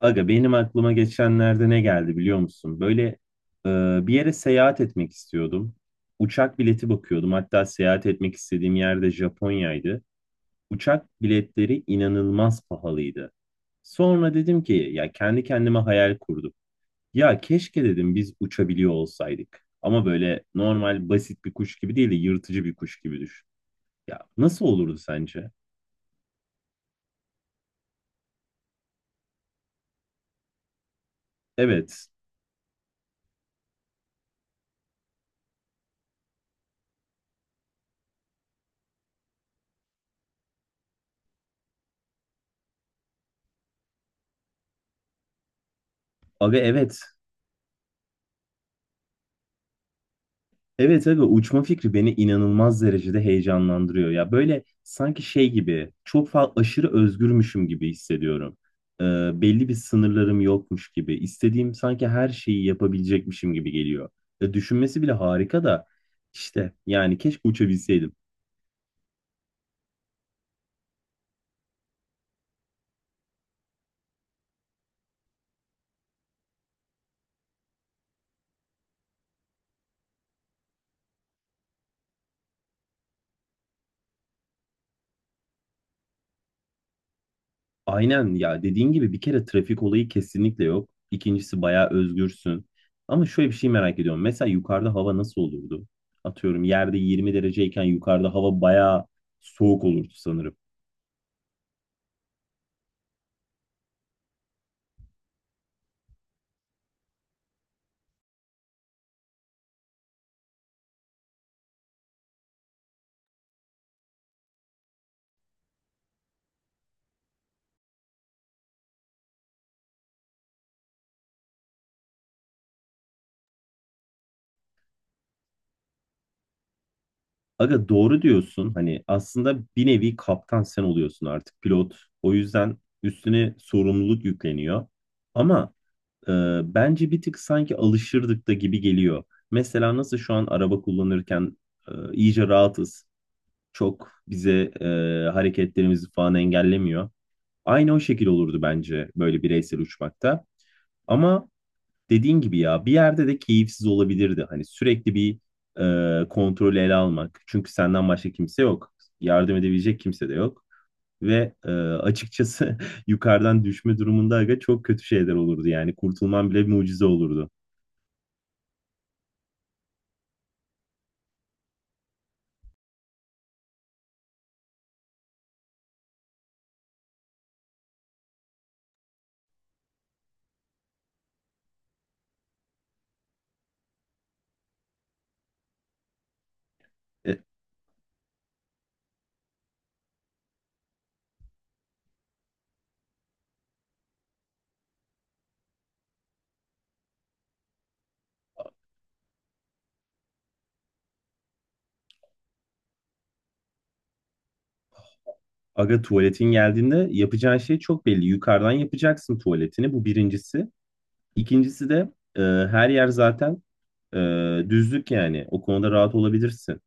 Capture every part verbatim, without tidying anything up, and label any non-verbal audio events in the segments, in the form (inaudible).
Aga benim aklıma geçenlerde ne geldi biliyor musun? Böyle e, bir yere seyahat etmek istiyordum. Uçak bileti bakıyordum. Hatta seyahat etmek istediğim yerde Japonya'ydı. Uçak biletleri inanılmaz pahalıydı. Sonra dedim ki ya kendi kendime hayal kurdum. Ya keşke dedim biz uçabiliyor olsaydık. Ama böyle normal basit bir kuş gibi değil de yırtıcı bir kuş gibi düşün. Ya nasıl olurdu sence? Evet. Aga evet. Evet abi uçma fikri beni inanılmaz derecede heyecanlandırıyor. Ya böyle sanki şey gibi çok fazla aşırı özgürmüşüm gibi hissediyorum. Ee, belli bir sınırlarım yokmuş gibi. İstediğim sanki her şeyi yapabilecekmişim gibi geliyor. E, düşünmesi bile harika da işte yani keşke uçabilseydim. Aynen ya dediğin gibi bir kere trafik olayı kesinlikle yok. İkincisi bayağı özgürsün. Ama şöyle bir şey merak ediyorum. Mesela yukarıda hava nasıl olurdu? Atıyorum yerde yirmi dereceyken yukarıda hava bayağı soğuk olurdu sanırım. Aga doğru diyorsun. Hani aslında bir nevi kaptan sen oluyorsun artık pilot. O yüzden üstüne sorumluluk yükleniyor. Ama e, bence bir tık sanki alışırdık da gibi geliyor. Mesela nasıl şu an araba kullanırken e, iyice rahatız. Çok bize e, hareketlerimizi falan engellemiyor. Aynı o şekil olurdu bence böyle bireysel uçmakta. Ama dediğin gibi ya bir yerde de keyifsiz olabilirdi. Hani sürekli bir e, kontrolü ele almak. Çünkü senden başka kimse yok. Yardım edebilecek kimse de yok. Ve e, açıkçası (laughs) yukarıdan düşme durumunda aga çok kötü şeyler olurdu yani. Kurtulman bile bir mucize olurdu. E, Aga tuvaletin geldiğinde yapacağın şey çok belli. Yukarıdan yapacaksın tuvaletini. Bu birincisi. İkincisi de e, her yer zaten e, düzlük yani. O konuda rahat olabilirsin.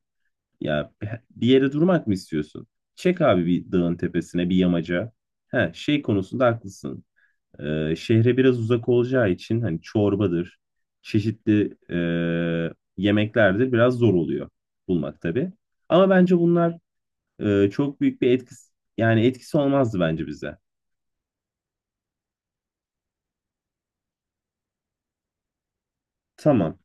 Ya bir yere durmak mı istiyorsun? Çek abi bir dağın tepesine bir yamaca. He, şey konusunda haklısın. Ee, şehre biraz uzak olacağı için hani çorbadır, çeşitli e, yemeklerdir biraz zor oluyor bulmak tabii. Ama bence bunlar e, çok büyük bir etkisi yani etkisi olmazdı bence bize. Tamam.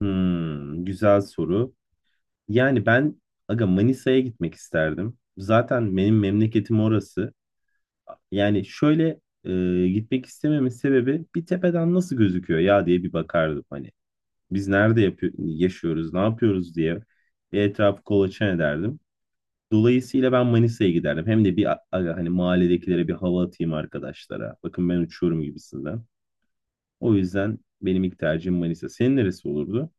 Hmm, güzel soru. Yani ben aga Manisa'ya gitmek isterdim. Zaten benim memleketim orası. Yani şöyle e, gitmek istememin sebebi bir tepeden nasıl gözüküyor ya diye bir bakardım hani. biz nerede yapıyor, yaşıyoruz, ne yapıyoruz diye bir etrafı kolaçan ederdim. Dolayısıyla ben Manisa'ya giderdim. Hem de bir a- aga, hani mahalledekilere bir hava atayım arkadaşlara. Bakın ben uçuyorum gibisinden. O yüzden benim ilk tercihim Manisa. Senin neresi olurdu?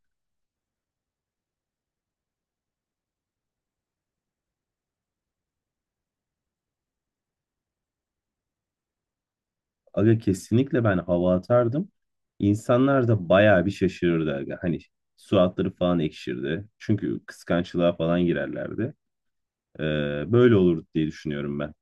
Aga kesinlikle ben hava atardım. İnsanlar da bayağı bir şaşırırdı aga. Hani suratları falan ekşirdi. Çünkü kıskançlığa falan girerlerdi. Ee, Böyle olur diye düşünüyorum ben.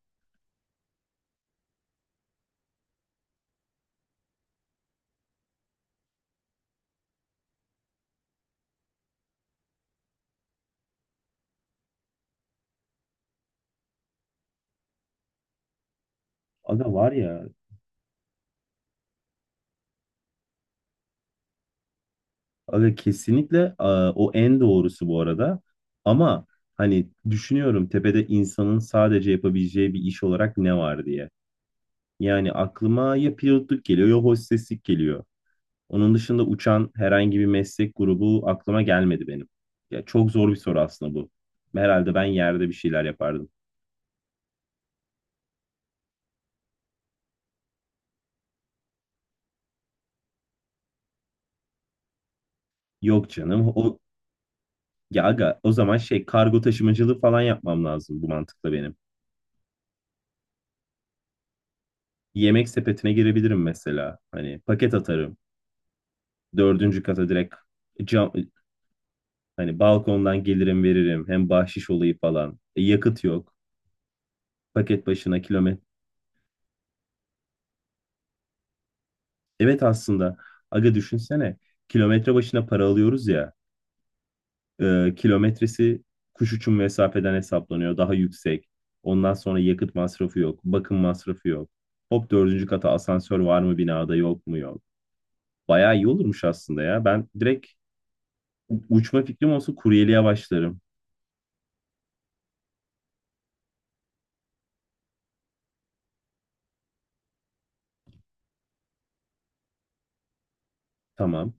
Aga var ya. Aga kesinlikle a, o en doğrusu bu arada. Ama hani düşünüyorum tepede insanın sadece yapabileceği bir iş olarak ne var diye. Yani aklıma ya pilotluk geliyor ya hosteslik geliyor. Onun dışında uçan herhangi bir meslek grubu aklıma gelmedi benim. Ya çok zor bir soru aslında bu. Herhalde ben yerde bir şeyler yapardım. Yok canım. O ya aga o zaman şey kargo taşımacılığı falan yapmam lazım bu mantıkla benim. Yemek sepetine girebilirim mesela. Hani paket atarım. Dördüncü kata direkt cam, hani balkondan gelirim veririm. Hem bahşiş olayı falan. E, yakıt yok. Paket başına kilometre. Evet aslında aga düşünsene. Kilometre başına para alıyoruz ya. E, kilometresi kuş uçum mesafeden hesaplanıyor. Daha yüksek. Ondan sonra yakıt masrafı yok. Bakım masrafı yok. Hop dördüncü kata asansör var mı binada, yok mu yok. Bayağı iyi olurmuş aslında ya. Ben direkt u- uçma fikrim olsa kuryeliğe başlarım. Tamam.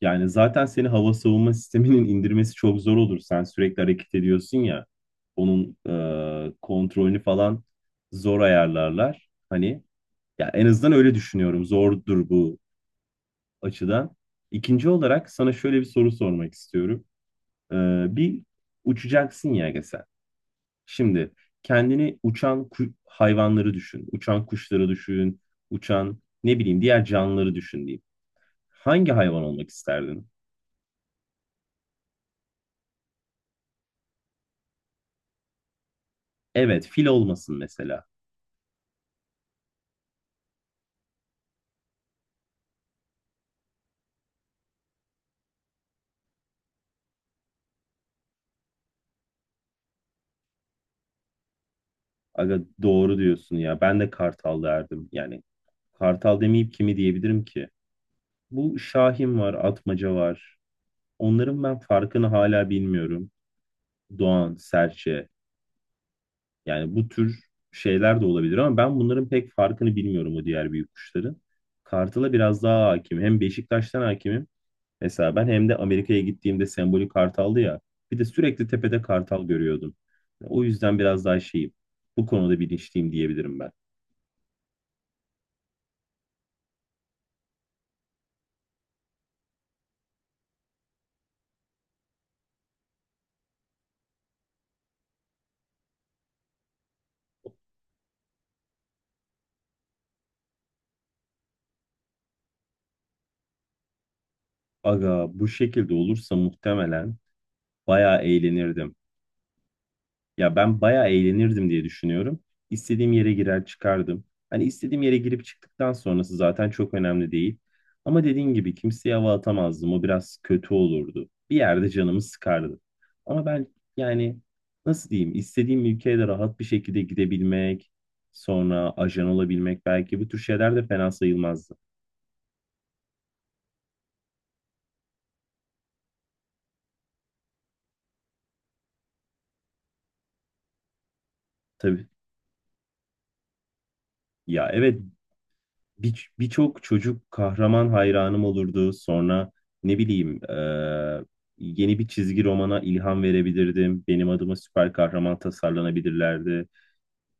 Yani zaten seni hava savunma sisteminin (laughs) indirmesi çok zor olur. Sen sürekli hareket ediyorsun ya. Onun e, kontrolünü falan zor ayarlarlar. Hani ya en azından öyle düşünüyorum. Zordur bu açıdan. İkinci olarak sana şöyle bir soru sormak istiyorum. E, Bir uçacaksın ya Ege sen. Şimdi kendini uçan ku- hayvanları düşün. Uçan kuşları düşün. Uçan ne bileyim diğer canlıları düşün diyeyim. Hangi hayvan olmak isterdin? Evet, fil olmasın mesela. Aga doğru diyorsun ya. Ben de Kartal derdim. Yani Kartal demeyip kimi diyebilirim ki? Bu Şahin var, Atmaca var. Onların ben farkını hala bilmiyorum. Doğan, Serçe. Yani bu tür şeyler de olabilir ama ben bunların pek farkını bilmiyorum o diğer büyük kuşların. Kartal'a biraz daha hakim. Hem Beşiktaş'tan hakimim. Mesela ben hem de Amerika'ya gittiğimde sembolik kartaldı ya. Bir de sürekli tepede kartal görüyordum. O yüzden biraz daha şeyim. Bu konuda bilinçliyim diyebilirim ben. Aga bu şekilde olursa muhtemelen bayağı eğlenirdim. Ya ben bayağı eğlenirdim diye düşünüyorum. İstediğim yere girer çıkardım. Hani istediğim yere girip çıktıktan sonrası zaten çok önemli değil. Ama dediğin gibi kimseye hava atamazdım. O biraz kötü olurdu. Bir yerde canımı sıkardı. Ama ben yani nasıl diyeyim istediğim ülkeye de rahat bir şekilde gidebilmek, sonra ajan olabilmek belki bu tür şeyler de fena sayılmazdı. Tabii. Ya evet bir- birçok çocuk kahraman hayranım olurdu. Sonra ne bileyim e, yeni bir çizgi romana ilham verebilirdim. Benim adıma süper kahraman tasarlanabilirlerdi.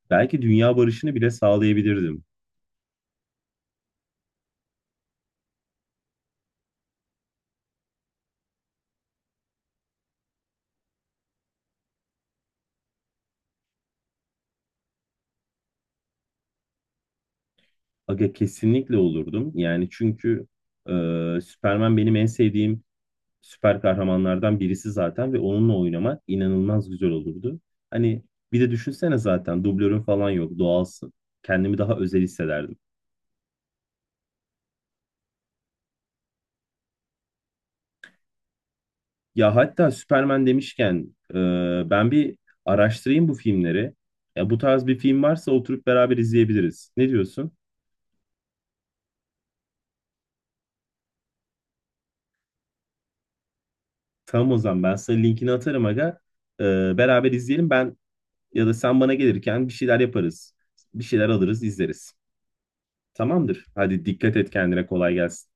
Belki dünya barışını bile sağlayabilirdim. Aga kesinlikle olurdum. Yani çünkü e, Superman benim en sevdiğim süper kahramanlardan birisi zaten ve onunla oynamak inanılmaz güzel olurdu. Hani bir de düşünsene zaten dublörün falan yok, doğalsın. Kendimi daha özel hissederdim. Ya hatta Superman demişken e, ben bir araştırayım bu filmleri. Ya bu tarz bir film varsa oturup beraber izleyebiliriz. Ne diyorsun? Tamam o zaman ben sana linkini atarım aga. E, Beraber izleyelim, ben ya da sen bana gelirken bir şeyler yaparız. Bir şeyler alırız izleriz. Tamamdır. Hadi dikkat et kendine, kolay gelsin.